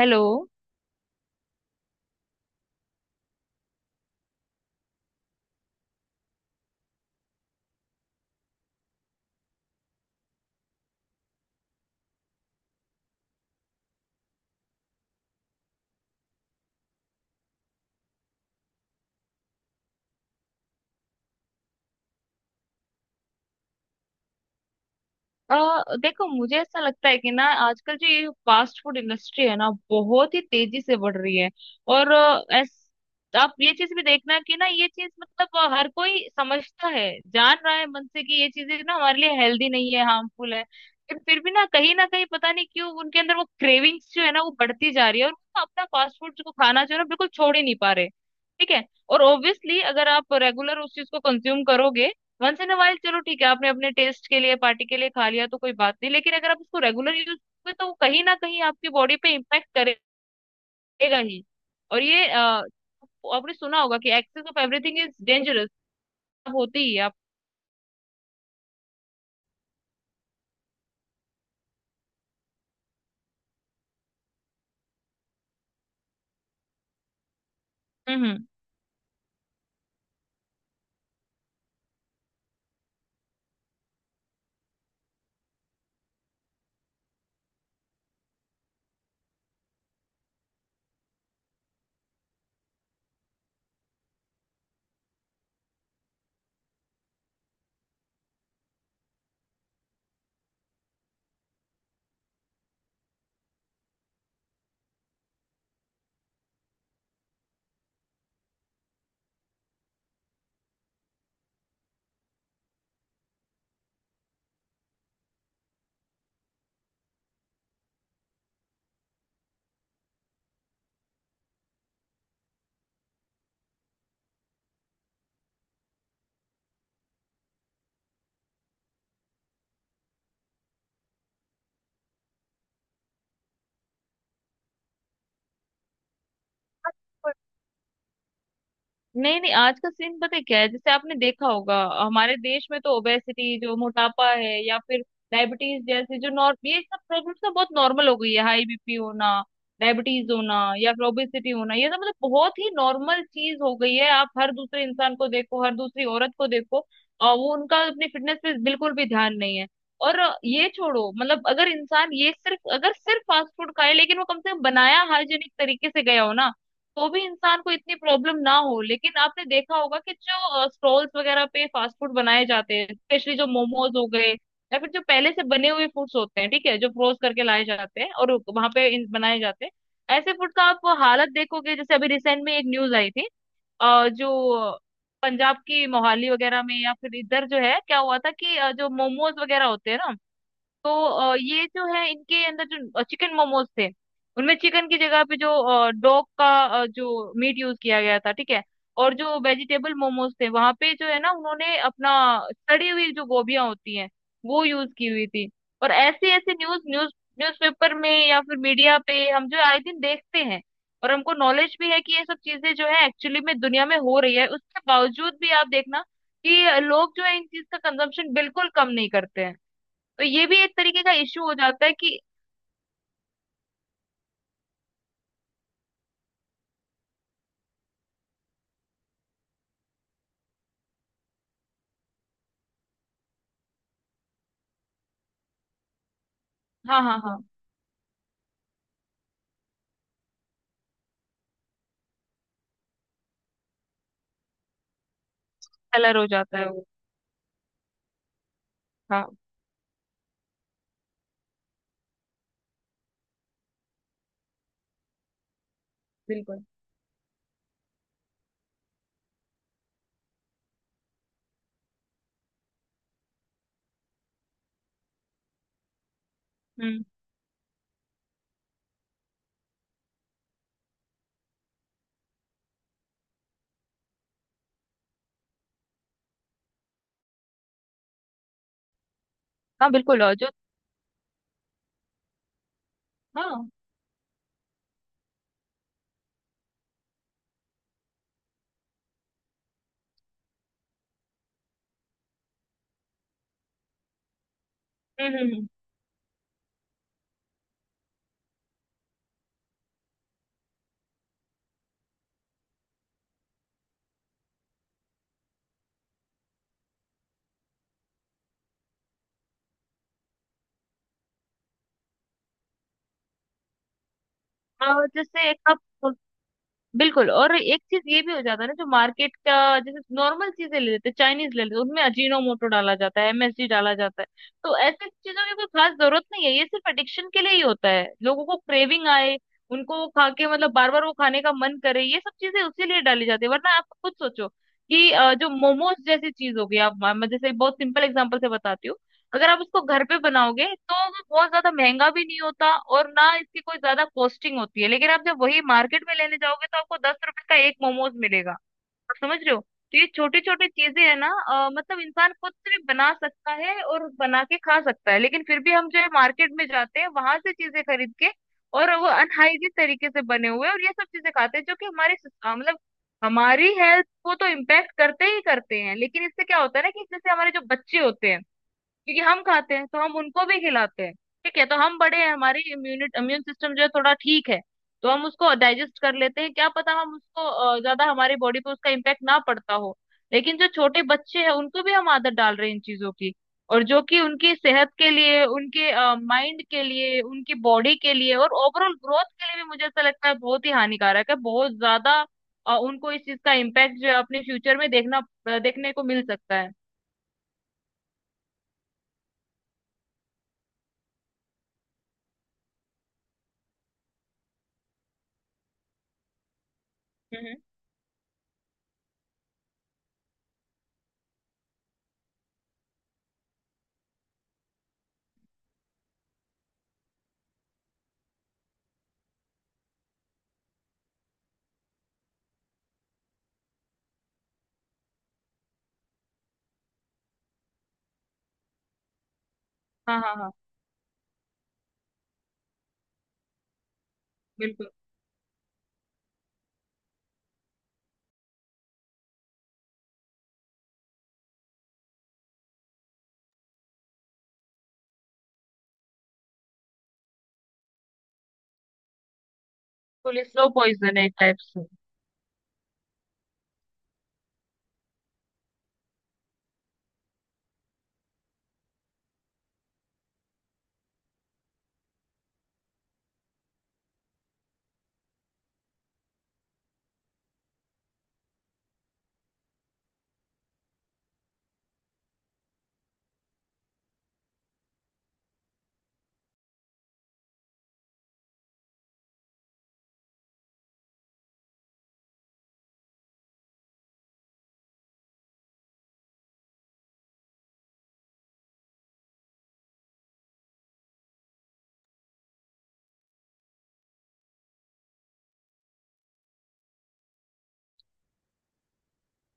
Hello. अ देखो मुझे ऐसा लगता है कि ना आजकल जो ये फास्ट फूड इंडस्ट्री है ना बहुत ही तेजी से बढ़ रही है। और आप ये चीज भी देखना कि ना ये चीज मतलब हर कोई समझता है, जान रहा है मन से कि ये चीजें ना हमारे लिए हेल्दी नहीं है, हार्मफुल है, लेकिन फिर भी ना कहीं पता नहीं क्यों उनके अंदर वो क्रेविंग्स जो है ना वो बढ़ती जा रही है, और वो ना अपना फास्ट फूड को खाना जो है ना बिल्कुल छोड़ ही नहीं पा रहे। ठीक है, और ऑब्वियसली अगर आप रेगुलर उस चीज को कंज्यूम करोगे, वंस इन अ वाइल चलो ठीक है आपने अपने टेस्ट के लिए पार्टी के लिए खा लिया तो कोई बात नहीं, लेकिन अगर आप इसको रेगुलर यूज करोगे तो वो कहीं ना कहीं आपकी बॉडी पे इम्पैक्ट करेगा ही। और आपने सुना होगा कि excess of everything is dangerous होती ही है आप। हम्म हम्म नहीं नहीं, आज का सीन पता है क्या है? जैसे आपने देखा होगा हमारे देश में तो ओबेसिटी जो मोटापा है, या फिर डायबिटीज जैसे जो नॉर्म, ये सब प्रॉब्लम्स ना बहुत नॉर्मल हो गई है। हाई बीपी होना, डायबिटीज होना या फिर ओबेसिटी होना, ये सब मतलब बहुत ही नॉर्मल चीज हो गई है। आप हर दूसरे इंसान को देखो, हर दूसरी औरत को देखो, और वो उनका अपनी फिटनेस पे बिल्कुल भी ध्यान नहीं है। और ये छोड़ो, मतलब अगर इंसान ये सिर्फ, अगर सिर्फ फास्ट फूड खाए लेकिन वो कम से कम बनाया हाइजेनिक तरीके से गया हो ना, तो भी इंसान को इतनी प्रॉब्लम ना हो। लेकिन आपने देखा होगा कि जो स्टॉल्स वगैरह पे फास्ट फूड बनाए जाते हैं, स्पेशली जो मोमोज हो गए, या फिर जो पहले से बने हुए फूड्स होते हैं, ठीक है, जो फ्रोज करके लाए जाते हैं और वहां पे बनाए जाते हैं, ऐसे फूड का आप हालत देखोगे। जैसे अभी रिसेंट में एक न्यूज आई थी, जो पंजाब की मोहाली वगैरह में या फिर इधर जो है, क्या हुआ था कि जो मोमोज वगैरह होते हैं ना, तो ये जो है इनके अंदर जो चिकन मोमोज थे, उनमें चिकन की जगह पे जो डॉग का जो मीट यूज किया गया था, ठीक है। और जो वेजिटेबल मोमोज थे वहां पे जो है ना उन्होंने अपना सड़ी हुई जो गोभियां होती हैं वो यूज की हुई थी। और ऐसे ऐसे न्यूज न्यूज न्यूज़पेपर में या फिर मीडिया पे हम जो आए दिन देखते हैं, और हमको नॉलेज भी है कि ये सब चीजें जो है एक्चुअली में दुनिया में हो रही है, उसके बावजूद भी आप देखना कि लोग जो है इन चीज का कंजम्पशन बिल्कुल कम नहीं करते हैं। तो ये भी एक तरीके का इश्यू हो जाता है कि, हाँ हाँ हाँ, कलर हो जाता है वो। हाँ, बिल्कुल। हम्म। हाँ बिल्कुल, और जो, हाँ। हम्म हम्म हम्म। और जैसे कप, बिल्कुल, और एक चीज ये भी हो जाता है ना, जो मार्केट का, जैसे नॉर्मल चीजें ले लेते हैं, चाइनीज ले लेते हैं, उनमें अजीनोमोटो डाला जाता है, एमएसजी डाला जाता है। तो ऐसे चीजों की कोई खास जरूरत नहीं है, ये सिर्फ एडिक्शन के लिए ही होता है, लोगों को क्रेविंग आए, उनको वो खा के मतलब बार बार वो खाने का मन करे, ये सब चीजें उसी लिए डाली जाती है। वरना आप खुद सोचो कि जो मोमोज जैसी चीज हो गई, आप, मैं जैसे बहुत सिंपल एग्जांपल से बताती हूँ, अगर आप उसको घर पे बनाओगे तो वो बहुत ज्यादा महंगा भी नहीं होता और ना इसकी कोई ज्यादा कॉस्टिंग होती है, लेकिन आप जब वही मार्केट में लेने जाओगे तो आपको 10 रुपए का एक मोमोज मिलेगा, आप समझ रहे हो। तो ये छोटी छोटी चीजें है ना, मतलब इंसान खुद से भी बना सकता है और बना के खा सकता है, लेकिन फिर भी हम जो है मार्केट में जाते हैं, वहां से चीजें खरीद के, और वो अनहाइजीन तरीके से बने हुए, और ये सब चीजें खाते हैं, जो कि हमारे अ, मतलब हमारी हेल्थ को तो इम्पेक्ट करते ही करते हैं, लेकिन इससे क्या होता है ना कि जैसे हमारे जो बच्चे होते हैं, क्योंकि हम खाते हैं तो हम उनको भी खिलाते हैं। ठीक है, तो हम बड़े हैं, हमारी इम्यून सिस्टम जो है थोड़ा ठीक है, तो हम उसको डाइजेस्ट कर लेते हैं, क्या पता हम उसको ज्यादा हमारी बॉडी पे उसका इम्पैक्ट ना पड़ता हो। लेकिन जो छोटे बच्चे हैं उनको भी हम आदत डाल रहे हैं इन चीजों की, और जो कि उनकी सेहत के लिए, उनके माइंड के लिए, उनकी बॉडी के लिए और ओवरऑल ग्रोथ के लिए भी मुझे ऐसा लगता है बहुत ही हानिकारक है, बहुत ज्यादा। उनको इस चीज का इम्पैक्ट जो है अपने फ्यूचर में देखना, देखने को मिल सकता है। हम्म। हाँ हाँ हाँ, बिल्कुल। बिल्कुल स्लो पॉइजन है एक टाइप से।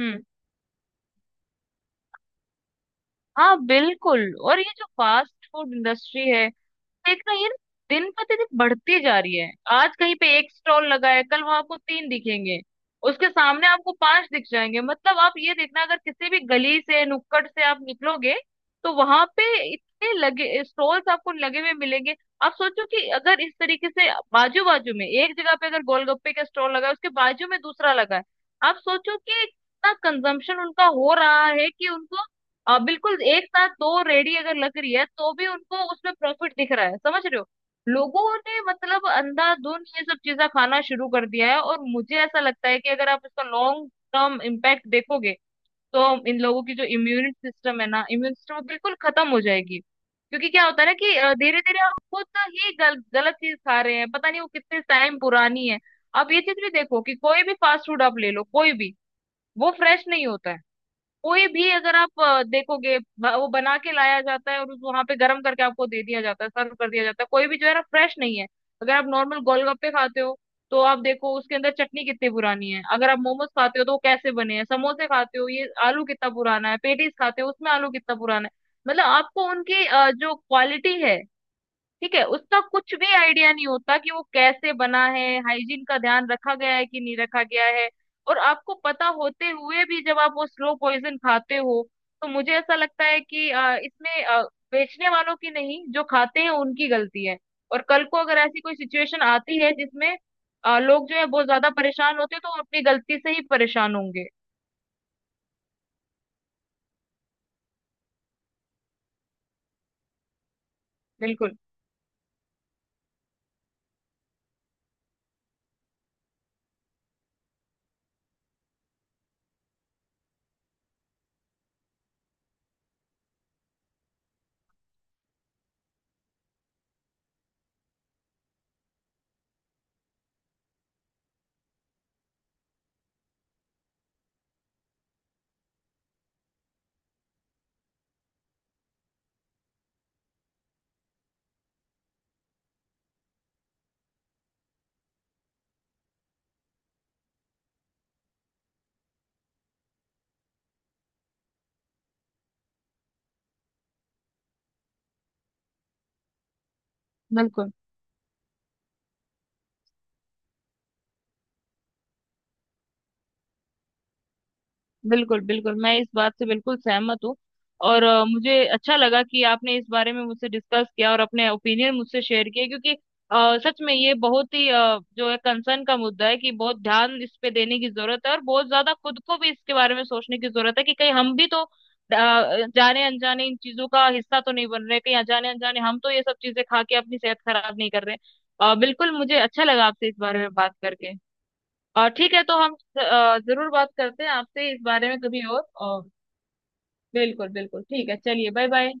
हम्म। हाँ बिल्कुल, और ये जो फास्ट फूड इंडस्ट्री है, देखना ये ना दिन प्रतिदिन बढ़ती जा रही है। आज कहीं पे एक स्टॉल लगा है, कल वहां आपको तीन दिखेंगे, उसके सामने आपको पांच दिख जाएंगे। मतलब आप ये देखना, अगर किसी भी गली से, नुक्कड़ से आप निकलोगे तो वहां पे इतने लगे स्टॉल्स आपको लगे हुए मिलेंगे। आप सोचो कि अगर इस तरीके से बाजू बाजू में एक जगह पे अगर गोलगप्पे का स्टॉल लगा है, उसके बाजू में दूसरा लगा है, आप सोचो कि इतना कंजम्पशन उनका हो रहा है कि उनको बिल्कुल एक साथ दो रेडी अगर लग रही है तो भी उनको उसमें प्रॉफिट दिख रहा है, समझ रहे हो। लोगों ने मतलब अंधाधुंध ये सब चीजें खाना शुरू कर दिया है, और मुझे ऐसा लगता है कि अगर आप इसका लॉन्ग टर्म इम्पैक्ट देखोगे तो इन लोगों की जो इम्यून सिस्टम है ना, इम्यून सिस्टम बिल्कुल खत्म हो जाएगी। क्योंकि क्या होता है ना कि धीरे धीरे हम खुद ही गलत चीज खा रहे हैं, पता नहीं वो कितने टाइम पुरानी है। आप ये चीज भी देखो कि कोई भी फास्ट फूड आप ले लो, कोई भी वो फ्रेश नहीं होता है। कोई भी अगर आप देखोगे, वो बना के लाया जाता है और वहां पे गर्म करके आपको दे दिया जाता है, सर्व कर दिया जाता है, कोई भी जो है ना फ्रेश नहीं है। अगर आप नॉर्मल गोलगप्पे खाते हो तो आप देखो उसके अंदर चटनी कितनी पुरानी है, अगर आप मोमोज खाते हो तो वो कैसे बने हैं, समोसे खाते हो ये आलू कितना पुराना है, पेटीज खाते हो उसमें आलू कितना पुराना है। मतलब आपको उनकी जो क्वालिटी है, ठीक है, उसका कुछ भी आइडिया नहीं होता कि वो कैसे बना है, हाइजीन का ध्यान रखा गया है कि नहीं रखा गया है। और आपको पता होते हुए भी जब आप वो स्लो पॉइजन खाते हो, तो मुझे ऐसा लगता है कि इसमें बेचने वालों की नहीं, जो खाते हैं उनकी गलती है। और कल को अगर ऐसी कोई सिचुएशन आती है जिसमें लोग जो है बहुत ज्यादा परेशान होते हैं, तो वो अपनी गलती से ही परेशान होंगे। बिल्कुल बिल्कुल, बिल्कुल बिल्कुल मैं इस बात से बिल्कुल सहमत हूँ। और मुझे अच्छा लगा कि आपने इस बारे में मुझसे डिस्कस किया और अपने ओपिनियन मुझसे शेयर किए, क्योंकि सच में ये बहुत ही जो है कंसर्न का मुद्दा है कि बहुत ध्यान इस पे देने की जरूरत है, और बहुत ज्यादा खुद को भी इसके बारे में सोचने की जरूरत है कि कहीं हम भी तो जाने अनजाने इन चीजों का हिस्सा तो नहीं बन रहे, कहीं अनजाने अनजाने हम तो ये सब चीजें खा के अपनी सेहत खराब नहीं कर रहे। बिल्कुल, मुझे अच्छा लगा आपसे इस बारे में बात करके। और ठीक है, तो हम जरूर बात करते हैं आपसे इस बारे में कभी और। और बिल्कुल बिल्कुल, ठीक है, चलिए बाय बाय।